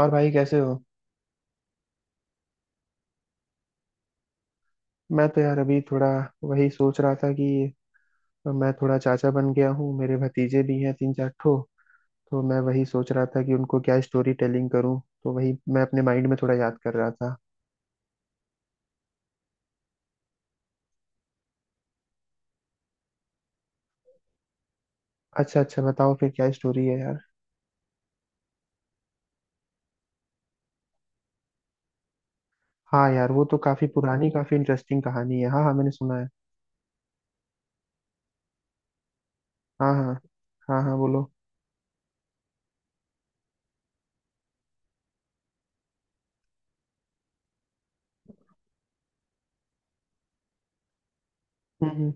और भाई कैसे हो? मैं तो यार अभी थोड़ा वही सोच रहा था कि मैं थोड़ा चाचा बन गया हूँ। मेरे भतीजे भी हैं तीन चार ठो। तो मैं वही सोच रहा था कि उनको क्या स्टोरी टेलिंग करूँ, तो वही मैं अपने माइंड में थोड़ा याद कर रहा था। अच्छा अच्छा, बताओ फिर क्या स्टोरी है यार? हाँ यार, वो तो काफी पुरानी, काफी इंटरेस्टिंग कहानी है। हाँ हाँ मैंने सुना है। हाँ हाँ। हाँ हाँ बोलो। हम्म हम्म,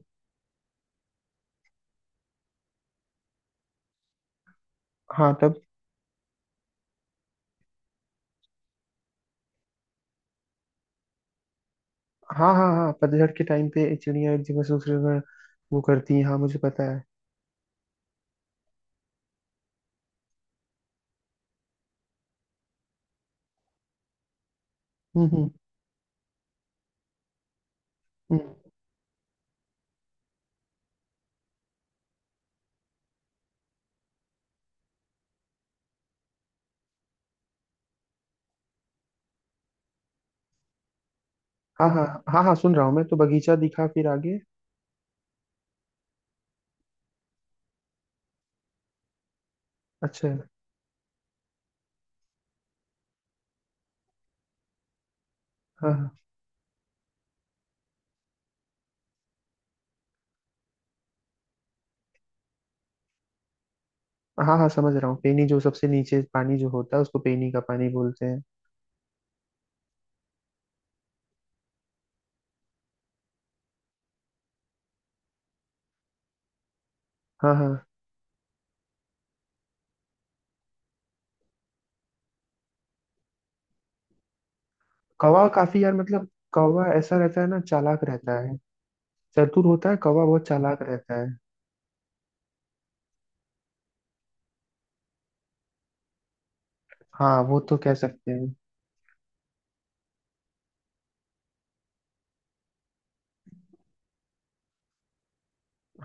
हाँ तब। हाँ हाँ हाँ, पतझड़ के टाइम पे चिड़िया एक जगह से दूसरी जगह वो करती हैं। हाँ मुझे पता है। हम्म। हम्म। हाँ हाँ। हाँ हाँ सुन रहा हूँ मैं तो। बगीचा दिखा, फिर आगे? अच्छा। हाँ हाँ। हाँ हाँ समझ रहा हूँ। पेनी जो सबसे नीचे पानी जो होता है उसको पेनी का पानी बोलते हैं। हाँ हाँ। कौवा काफी यार मतलब... कौवा ऐसा रहता है ना, चालाक रहता है। चतुर होता है कौवा, बहुत चालाक रहता है। हाँ वो तो कह सकते हैं।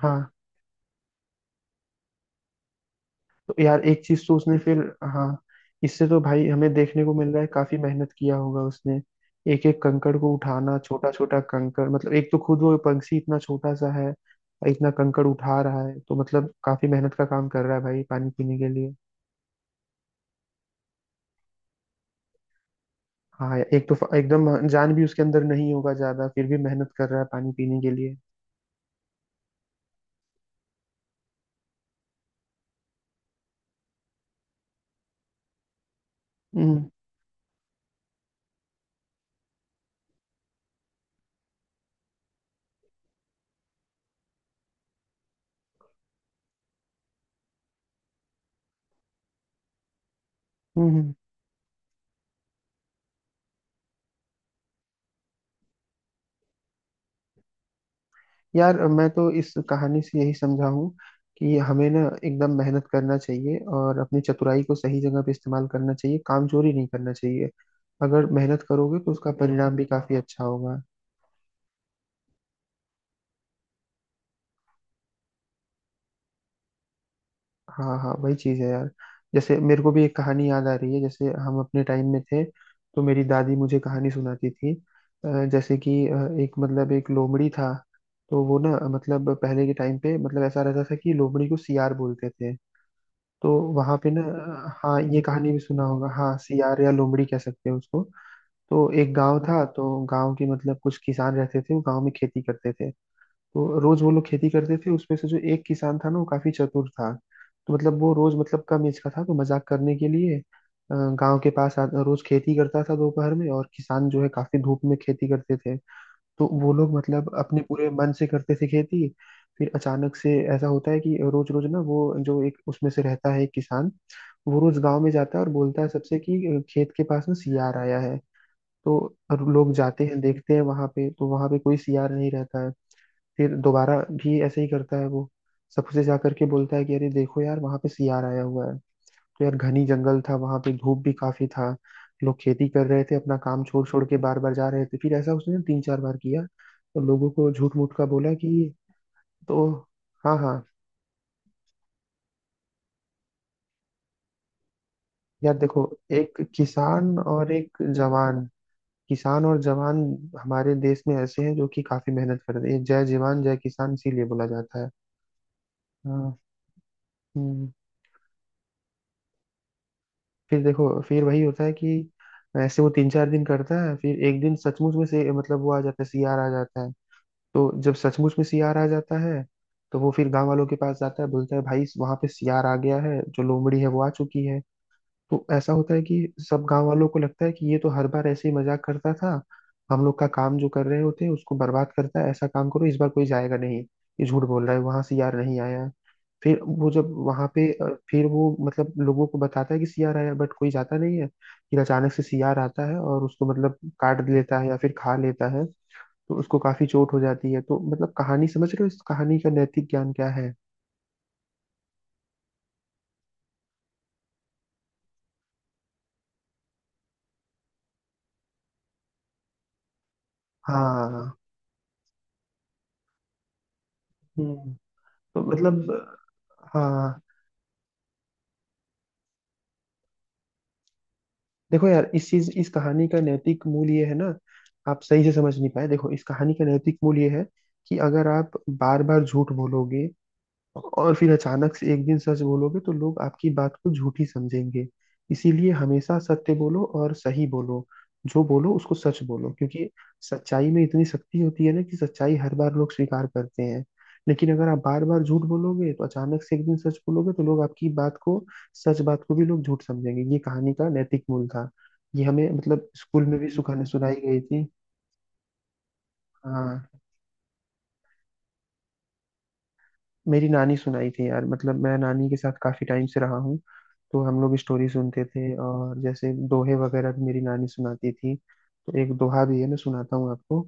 हाँ। तो यार एक चीज तो उसने फिर... हाँ। इससे तो भाई हमें देखने को मिल रहा है काफी मेहनत किया होगा उसने। एक एक कंकड़ को उठाना, छोटा छोटा कंकड़, मतलब एक तो खुद वो पंछी इतना छोटा सा है और इतना कंकड़ उठा रहा है, तो मतलब काफी मेहनत का काम कर रहा है भाई, पानी पीने के लिए। हाँ यार, एक तो एकदम जान भी उसके अंदर नहीं होगा ज्यादा, फिर भी मेहनत कर रहा है पानी पीने के लिए। हम्म हम्म हम्म। यार मैं तो इस कहानी से यही समझा हूँ कि हमें ना एकदम मेहनत करना चाहिए और अपनी चतुराई को सही जगह पे इस्तेमाल करना चाहिए। कामचोरी नहीं करना चाहिए। अगर मेहनत करोगे तो उसका परिणाम भी काफी अच्छा होगा। हाँ हाँ वही चीज है यार। जैसे मेरे को भी एक कहानी याद आ रही है, जैसे हम अपने टाइम में थे तो मेरी दादी मुझे कहानी सुनाती थी। जैसे कि एक मतलब एक लोमड़ी था। तो वो ना, मतलब पहले के टाइम पे मतलब ऐसा रहता था कि लोमड़ी को सियार बोलते थे। तो वहां पे ना... हाँ ये कहानी भी सुना होगा। हाँ सियार या लोमड़ी कह सकते हैं उसको। तो एक गांव था, तो गांव के मतलब कुछ किसान रहते थे, वो गांव में खेती करते थे। तो रोज वो लोग खेती करते थे, उसमें से जो एक किसान था ना वो काफी चतुर था। तो मतलब वो रोज, मतलब कम एज का था तो मजाक करने के लिए गांव के पास रोज खेती करता था दोपहर में, और किसान जो है काफी धूप में खेती करते थे। तो वो लोग मतलब अपने पूरे मन से करते थे खेती। फिर अचानक से ऐसा होता है कि रोज रोज ना वो, जो एक उसमें से रहता है एक किसान, वो रोज गांव में जाता है और बोलता है सबसे कि खेत के पास ना सियार आया है। तो लोग जाते हैं, देखते हैं वहां पे, तो वहां पे कोई सियार नहीं रहता है। फिर दोबारा भी ऐसे ही करता है वो। सबसे जा करके बोलता है कि अरे देखो यार वहां पे सियार आया हुआ है। तो यार घनी जंगल था, वहां पे धूप भी काफी था। लोग खेती कर रहे थे, अपना काम छोड़ छोड़ के बार बार जा रहे थे। फिर ऐसा उसने तीन चार बार किया, तो लोगों को झूठ मूठ का बोला कि... तो हाँ हाँ। यार देखो, एक किसान और एक जवान। किसान और जवान हमारे देश में ऐसे हैं जो कि काफी मेहनत करते हैं। जय जवान जय किसान इसीलिए बोला जाता है। हाँ। हम्म। फिर देखो, फिर वही होता है कि ऐसे वो 3 4 दिन करता है, फिर एक दिन सचमुच में से मतलब वो आ जाता है, सियार आ जाता है। तो जब सचमुच में सियार आ जाता है तो वो फिर गांव वालों के पास जाता है, बोलता है भाई वहां पे सियार आ गया है, जो लोमड़ी है वो आ चुकी है। तो ऐसा होता है कि सब गांव वालों को लगता है कि ये तो हर बार ऐसे ही मजाक करता था। हम लोग का काम जो कर रहे होते हैं उसको बर्बाद करता है, ऐसा काम करो इस बार कोई जाएगा नहीं। ये झूठ बोल रहा है, वहां सियार नहीं आया। फिर वो जब वहां पे फिर वो मतलब लोगों को बताता है कि सियार आया, बट कोई जाता नहीं है। फिर अचानक से सियार आता है और उसको मतलब काट लेता है या फिर खा लेता है। तो उसको काफी चोट हो जाती है। तो मतलब कहानी समझ रहे हो, इस कहानी का नैतिक ज्ञान क्या है? हाँ। हम्म। तो मतलब हाँ। देखो यार, इस चीज, इस कहानी का नैतिक मूल ये है ना, आप सही से समझ नहीं पाए। देखो इस कहानी का नैतिक मूल ये है कि अगर आप बार बार झूठ बोलोगे और फिर अचानक से एक दिन सच बोलोगे तो लोग आपकी बात को झूठी समझेंगे। इसीलिए हमेशा सत्य बोलो और सही बोलो। जो बोलो उसको सच बोलो, क्योंकि सच्चाई में इतनी शक्ति होती है ना कि सच्चाई हर बार लोग स्वीकार करते हैं। लेकिन अगर आप बार बार झूठ बोलोगे तो अचानक से एक दिन सच बोलोगे तो लोग आपकी बात को, सच बात को भी लोग झूठ समझेंगे। ये कहानी का नैतिक मूल था। ये हमें मतलब स्कूल में भी सुखाने सुनाई गई थी। हाँ। मेरी नानी सुनाई थी यार, मतलब मैं नानी के साथ काफी टाइम से रहा हूँ। तो हम लोग स्टोरी सुनते थे, और जैसे दोहे वगैरह भी मेरी नानी सुनाती थी। तो एक दोहा भी है, मैं सुनाता हूँ आपको।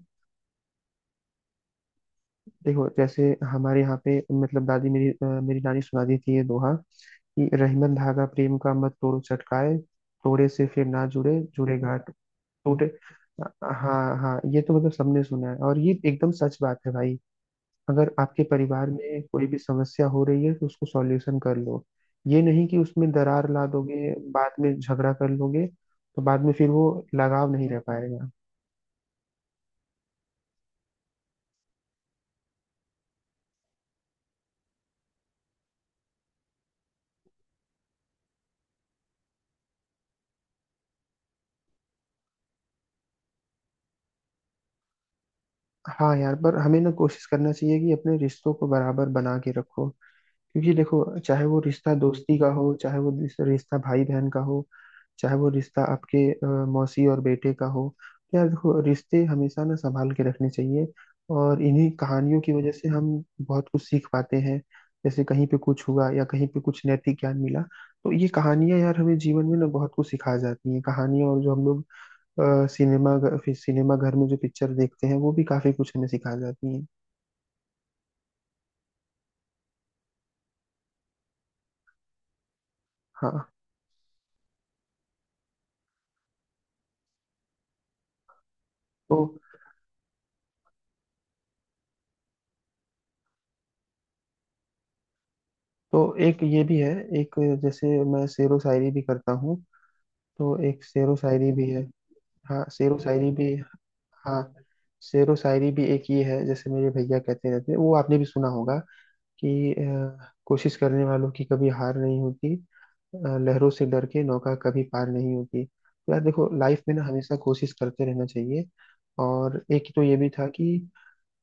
देखो जैसे हमारे यहाँ पे मतलब दादी मेरी, मेरी नानी सुनाती थी ये दोहा कि रहीमन धागा प्रेम का मत तोड़ो चटकाए, तोड़े से फिर ना जुड़े, जुड़े घाट टूटे। हाँ हाँ, ये तो मतलब सबने सुना है, और ये एकदम सच बात है भाई। अगर आपके परिवार में कोई भी समस्या हो रही है तो उसको सॉल्यूशन कर लो। ये नहीं कि उसमें दरार ला दोगे, बाद में झगड़ा कर लोगे, तो बाद में फिर वो लगाव नहीं रह पाएगा। हाँ यार, पर हमें ना कोशिश करना चाहिए कि अपने रिश्तों को बराबर बना के रखो। क्योंकि देखो, चाहे वो रिश्ता दोस्ती का हो, चाहे वो रिश्ता भाई बहन का हो, चाहे वो रिश्ता आपके मौसी और बेटे का हो, तो यार देखो रिश्ते हमेशा ना संभाल के रखने चाहिए। और इन्हीं कहानियों की वजह से हम बहुत कुछ सीख पाते हैं। जैसे कहीं पे कुछ हुआ या कहीं पे कुछ नैतिक ज्ञान मिला, तो ये कहानियां यार हमें जीवन में ना बहुत कुछ सिखा जाती हैं कहानियां। और जो हम लोग फिर सिनेमा घर में जो पिक्चर देखते हैं वो भी काफी कुछ हमें सिखा जाती हैं। हाँ तो... तो एक ये भी है। एक जैसे मैं शेरो शायरी भी करता हूँ, तो एक शेरो शायरी भी है। हाँ शेरो शायरी भी। हाँ शेरो शायरी भी एक ये है, जैसे मेरे भैया कहते रहते हैं, वो आपने भी सुना होगा कि कोशिश करने वालों की कभी हार नहीं होती, लहरों से डर के नौका कभी पार नहीं होती। तो यार देखो, लाइफ में ना हमेशा कोशिश करते रहना चाहिए। और एक तो ये भी था कि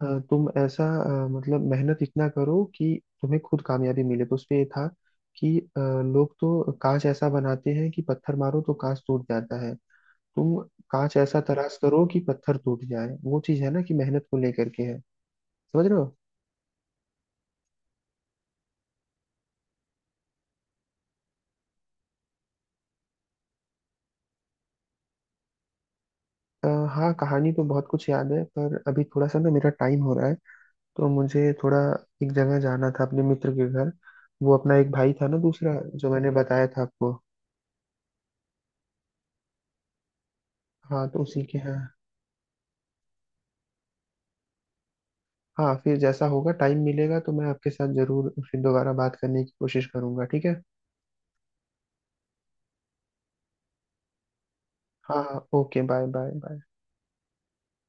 तुम ऐसा, मतलब मेहनत इतना करो कि तुम्हें खुद कामयाबी मिले, तो उसपे ये था कि लोग तो कांच ऐसा बनाते हैं कि पत्थर मारो तो कांच टूट जाता है, तुम कांच ऐसा तराश करो कि पत्थर टूट जाए। वो चीज है ना कि मेहनत को लेकर के है। समझ रहे हो? अ, हाँ कहानी तो बहुत कुछ याद है, पर अभी थोड़ा सा ना मेरा टाइम हो रहा है। तो मुझे थोड़ा एक जगह जाना था अपने मित्र के घर। वो अपना एक भाई था ना दूसरा, जो मैंने बताया था आपको। हाँ तो उसी के यहाँ... हाँ फिर जैसा होगा, टाइम मिलेगा तो मैं आपके साथ जरूर फिर दोबारा बात करने की कोशिश करूंगा, ठीक है? हाँ हाँ ओके, बाय बाय बाय।